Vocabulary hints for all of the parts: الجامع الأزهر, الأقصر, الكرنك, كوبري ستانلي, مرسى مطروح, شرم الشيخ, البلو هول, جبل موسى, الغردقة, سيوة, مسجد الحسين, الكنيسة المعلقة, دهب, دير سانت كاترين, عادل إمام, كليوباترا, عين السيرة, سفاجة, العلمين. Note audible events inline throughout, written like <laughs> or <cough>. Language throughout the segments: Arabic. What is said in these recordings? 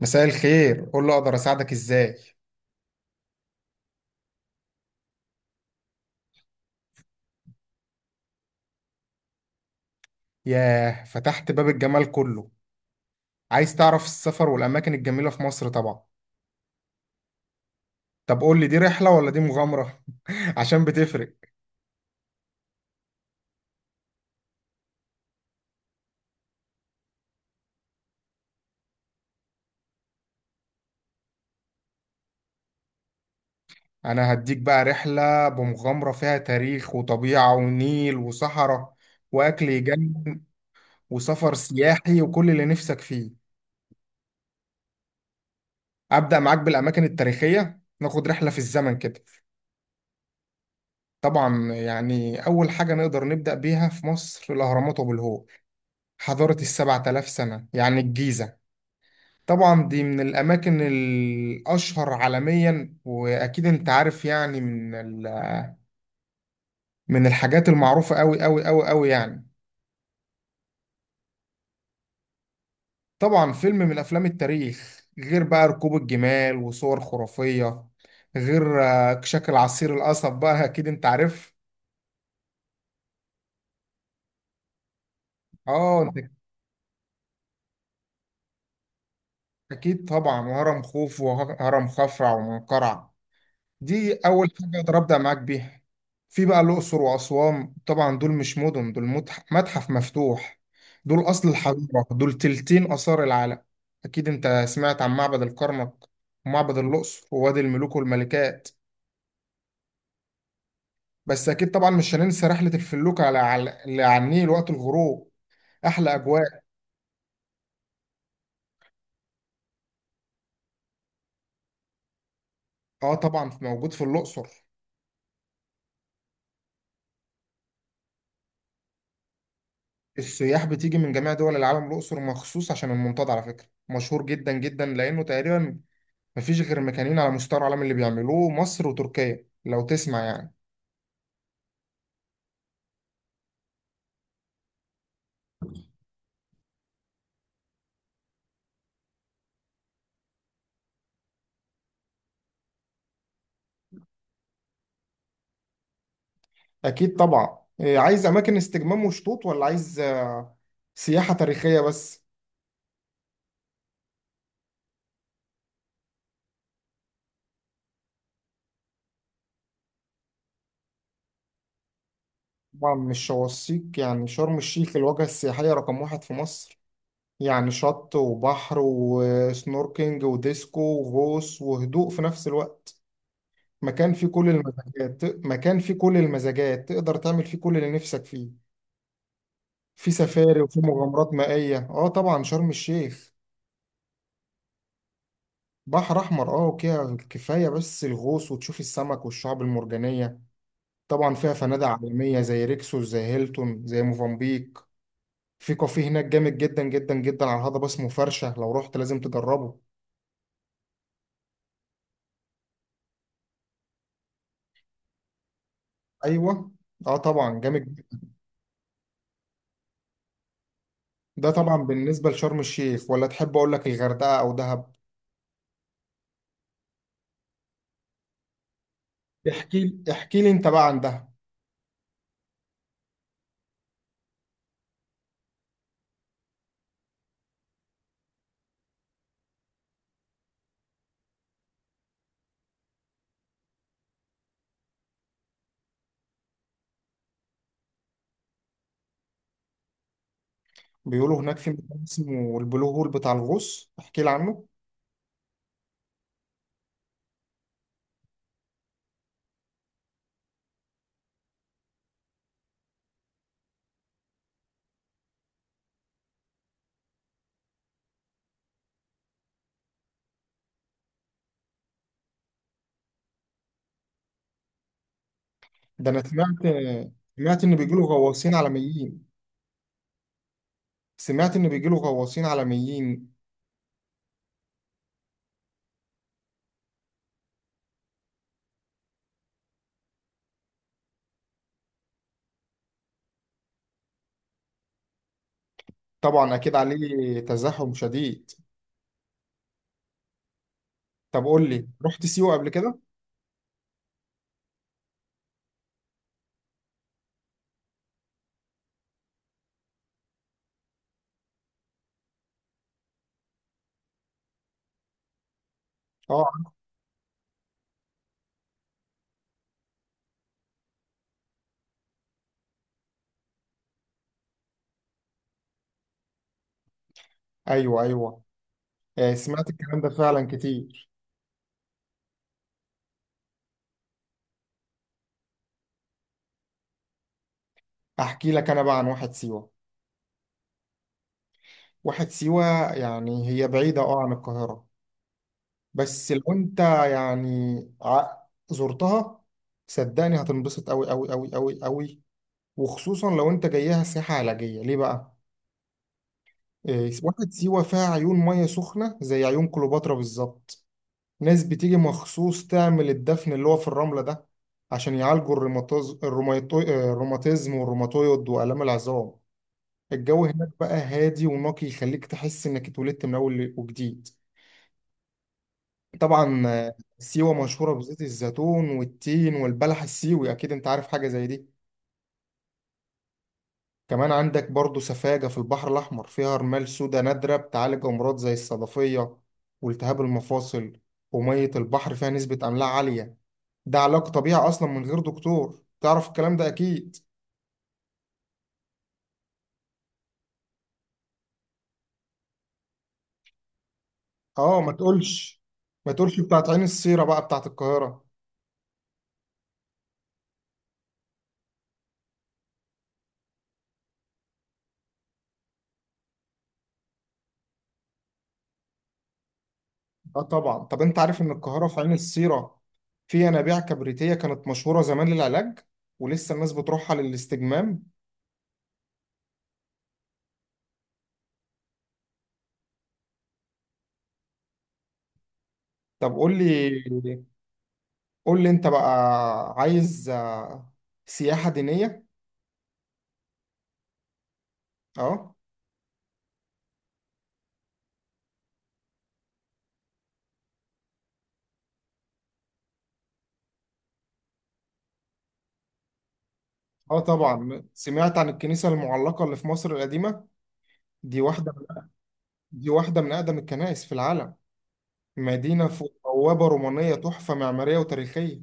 مساء الخير، قول له اقدر اساعدك ازاي. ياه فتحت باب الجمال كله. عايز تعرف السفر والاماكن الجميله في مصر طبعا. طب قول لي دي رحله ولا دي مغامره <laughs> عشان بتفرق. انا هديك بقى رحله بمغامره فيها تاريخ وطبيعه ونيل وصحراء واكل يجنن وسفر سياحي وكل اللي نفسك فيه. ابدا معاك بالاماكن التاريخيه، ناخد رحله في الزمن كده. طبعا يعني اول حاجه نقدر نبدا بيها في مصر الاهرامات وابو الهول. حضارة ال 7000 سنة يعني الجيزة. طبعا دي من الأماكن الأشهر عالميا، وأكيد أنت عارف يعني من الحاجات المعروفة أوي أوي أوي أوي يعني. طبعا فيلم من أفلام التاريخ، غير بقى ركوب الجمال وصور خرافية، غير شكل عصير القصب، بقى أكيد أنت عارف. أه أنت، أكيد طبعا، وهرم خوف وهرم خفرع ومنقرع. دي اول حاجه اقدر ابدا معاك بيها. في بقى الاقصر واسوان، طبعا دول مش مدن، دول متحف مفتوح. دول اصل الحضاره، دول تلتين اثار العالم. اكيد انت سمعت عن معبد الكرنك ومعبد الاقصر ووادي الملوك والملكات. بس اكيد طبعا مش هننسى رحله الفلوكه على النيل وقت الغروب. احلى اجواء. اه طبعا موجود في الاقصر. السياح بتيجي من جميع دول العالم الاقصر مخصوص عشان المنطاد، على فكره مشهور جدا جدا لانه تقريبا مفيش غير مكانين على مستوى العالم اللي بيعملوه، مصر وتركيا، لو تسمع يعني. أكيد طبعا. عايز أماكن استجمام وشطوط، ولا عايز سياحة تاريخية بس؟ طبعا مش شواصيك، يعني شرم الشيخ الوجهة السياحية رقم واحد في مصر. يعني شط وبحر وسنوركينج وديسكو وغوص وهدوء في نفس الوقت. مكان فيه كل المزاجات تقدر تعمل فيه كل اللي نفسك فيه. في سفاري وفي مغامرات مائية، اه طبعا شرم الشيخ. بحر احمر، اه، كده كفايه بس الغوص وتشوف السمك والشعب المرجانيه. طبعا فيها فنادق عالميه، زي ريكسوس، زي هيلتون، زي موفنبيك. في كافيه هناك جامد جدا جدا جدا على الهضبه اسمه فرشه، لو رحت لازم تجربه. ايوه، اه طبعا جامد جداً. ده طبعا بالنسبه لشرم الشيخ، ولا تحب اقول لك الغردقه او دهب؟ احكي لي انت بقى عن دهب. بيقولوا هناك في مكان اسمه البلو هول بتاع الغوص، احكي لي عنه. ده انا سمعت ان بيجيله غواصين عالميين. سمعت إن بيجيله غواصين عالميين طبعا أكيد عليه تزاحم شديد. طب قول لي، رحت سيوة قبل كده؟ آه. أيوه أيوه، آه، سمعت الكلام ده فعلا كتير. أحكي لك أنا بقى عن واحد سيوة. واحد سيوة يعني هي بعيدة أه عن القاهرة، بس لو أنت يعني ع- زرتها صدقني هتنبسط أوي أوي أوي أوي أوي، وخصوصا لو أنت جايها سياحة علاجية. ليه بقى؟ آه، واحد سيوة فيها عيون مية سخنة زي عيون كليوباترا بالظبط. ناس بتيجي مخصوص تعمل الدفن اللي هو في الرملة ده، عشان يعالجوا الروماتيزم والروماتويد وآلام العظام. الجو هناك بقى هادي ونقي، يخليك تحس إنك اتولدت من أول وجديد. طبعا سيوة مشهورة بزيت الزيتون والتين والبلح السيوي، أكيد أنت عارف حاجة زي دي. كمان عندك برضو سفاجة في البحر الأحمر، فيها رمال سودا نادرة بتعالج أمراض زي الصدفية والتهاب المفاصل. ومية البحر فيها نسبة أملاح عالية، ده علاج طبيعي اصلا من غير دكتور، تعرف الكلام ده اكيد. اه ما تقولش. بتاعت عين السيرة بقى بتاعت القاهرة. اه طبعا، طب انت عارف ان القاهرة في عين السيرة في ينابيع كبريتية كانت مشهورة زمان للعلاج، ولسه الناس بتروحها للاستجمام. طب قول لي، انت بقى عايز سياحة دينية؟ اه. اه طبعا سمعت عن الكنيسة المعلقة اللي في مصر القديمة. دي واحدة. من اقدم الكنائس في العالم، مدينة فوق بوابة رومانية، تحفة معمارية وتاريخية.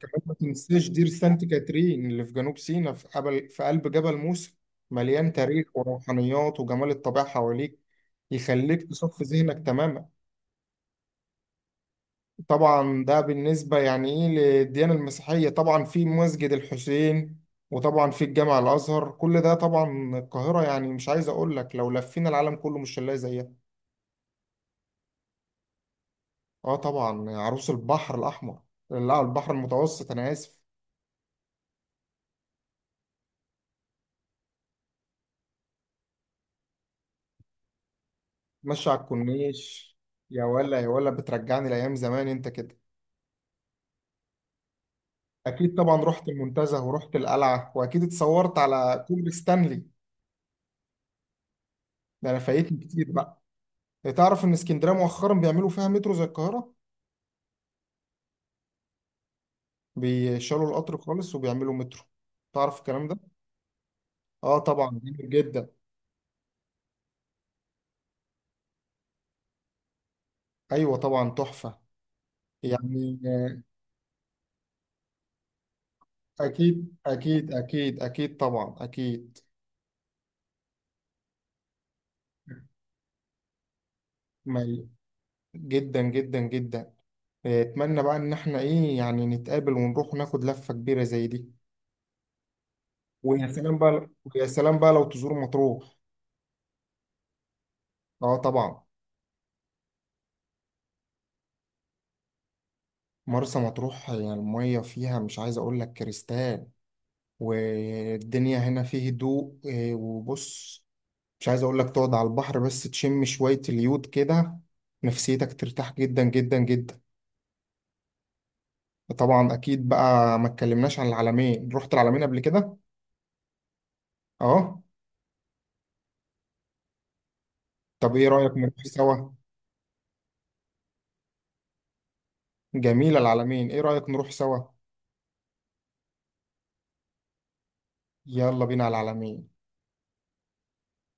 كمان ما تنساش دير سانت كاترين اللي في جنوب سيناء، في قلب جبل موسى، مليان تاريخ وروحانيات وجمال الطبيعة حواليك، يخليك تصفي ذهنك تماما. طبعا ده بالنسبة يعني ايه للديانة المسيحية، طبعا في مسجد الحسين، وطبعا في الجامع الأزهر، كل ده طبعا القاهرة، يعني مش عايز أقول لك لو لفينا العالم كله مش هنلاقي زيها. اه طبعا، عروس البحر الأحمر، لا البحر المتوسط، أنا آسف. ماشي على الكورنيش، يا ولا يا ولا بترجعني لأيام زمان أنت كده. أكيد طبعا رحت المنتزه، ورحت القلعة، وأكيد اتصورت على كوبري ستانلي. ده أنا فايتني كتير بقى. تعرف إن اسكندرية مؤخرا بيعملوا فيها مترو زي القاهرة؟ بيشالوا القطر خالص وبيعملوا مترو، تعرف الكلام ده؟ آه طبعا جميل جدا. أيوة طبعا تحفة. يعني أكيد أكيد أكيد أكيد طبعا أكيد. ما جدا جدا جدا. آه، اتمنى بقى ان احنا ايه يعني نتقابل ونروح ناخد لفة كبيرة زي دي. ويا سلام بقى. لو تزور مطروح، اه طبعا، مرسى مطروح. يعني المية فيها مش عايز اقول لك كريستال، والدنيا هنا فيه هدوء، وبص، مش عايز اقول لك، تقعد على البحر بس تشم شوية اليود كده، نفسيتك ترتاح جدا جدا جدا. طبعا اكيد بقى، ما اتكلمناش عن العلمين، رحت العلمين قبل كده؟ اه. طب ايه رأيك نروح سوا؟ جميلة العلمين، ايه رأيك نروح سوا؟ يلا بينا على العلمين.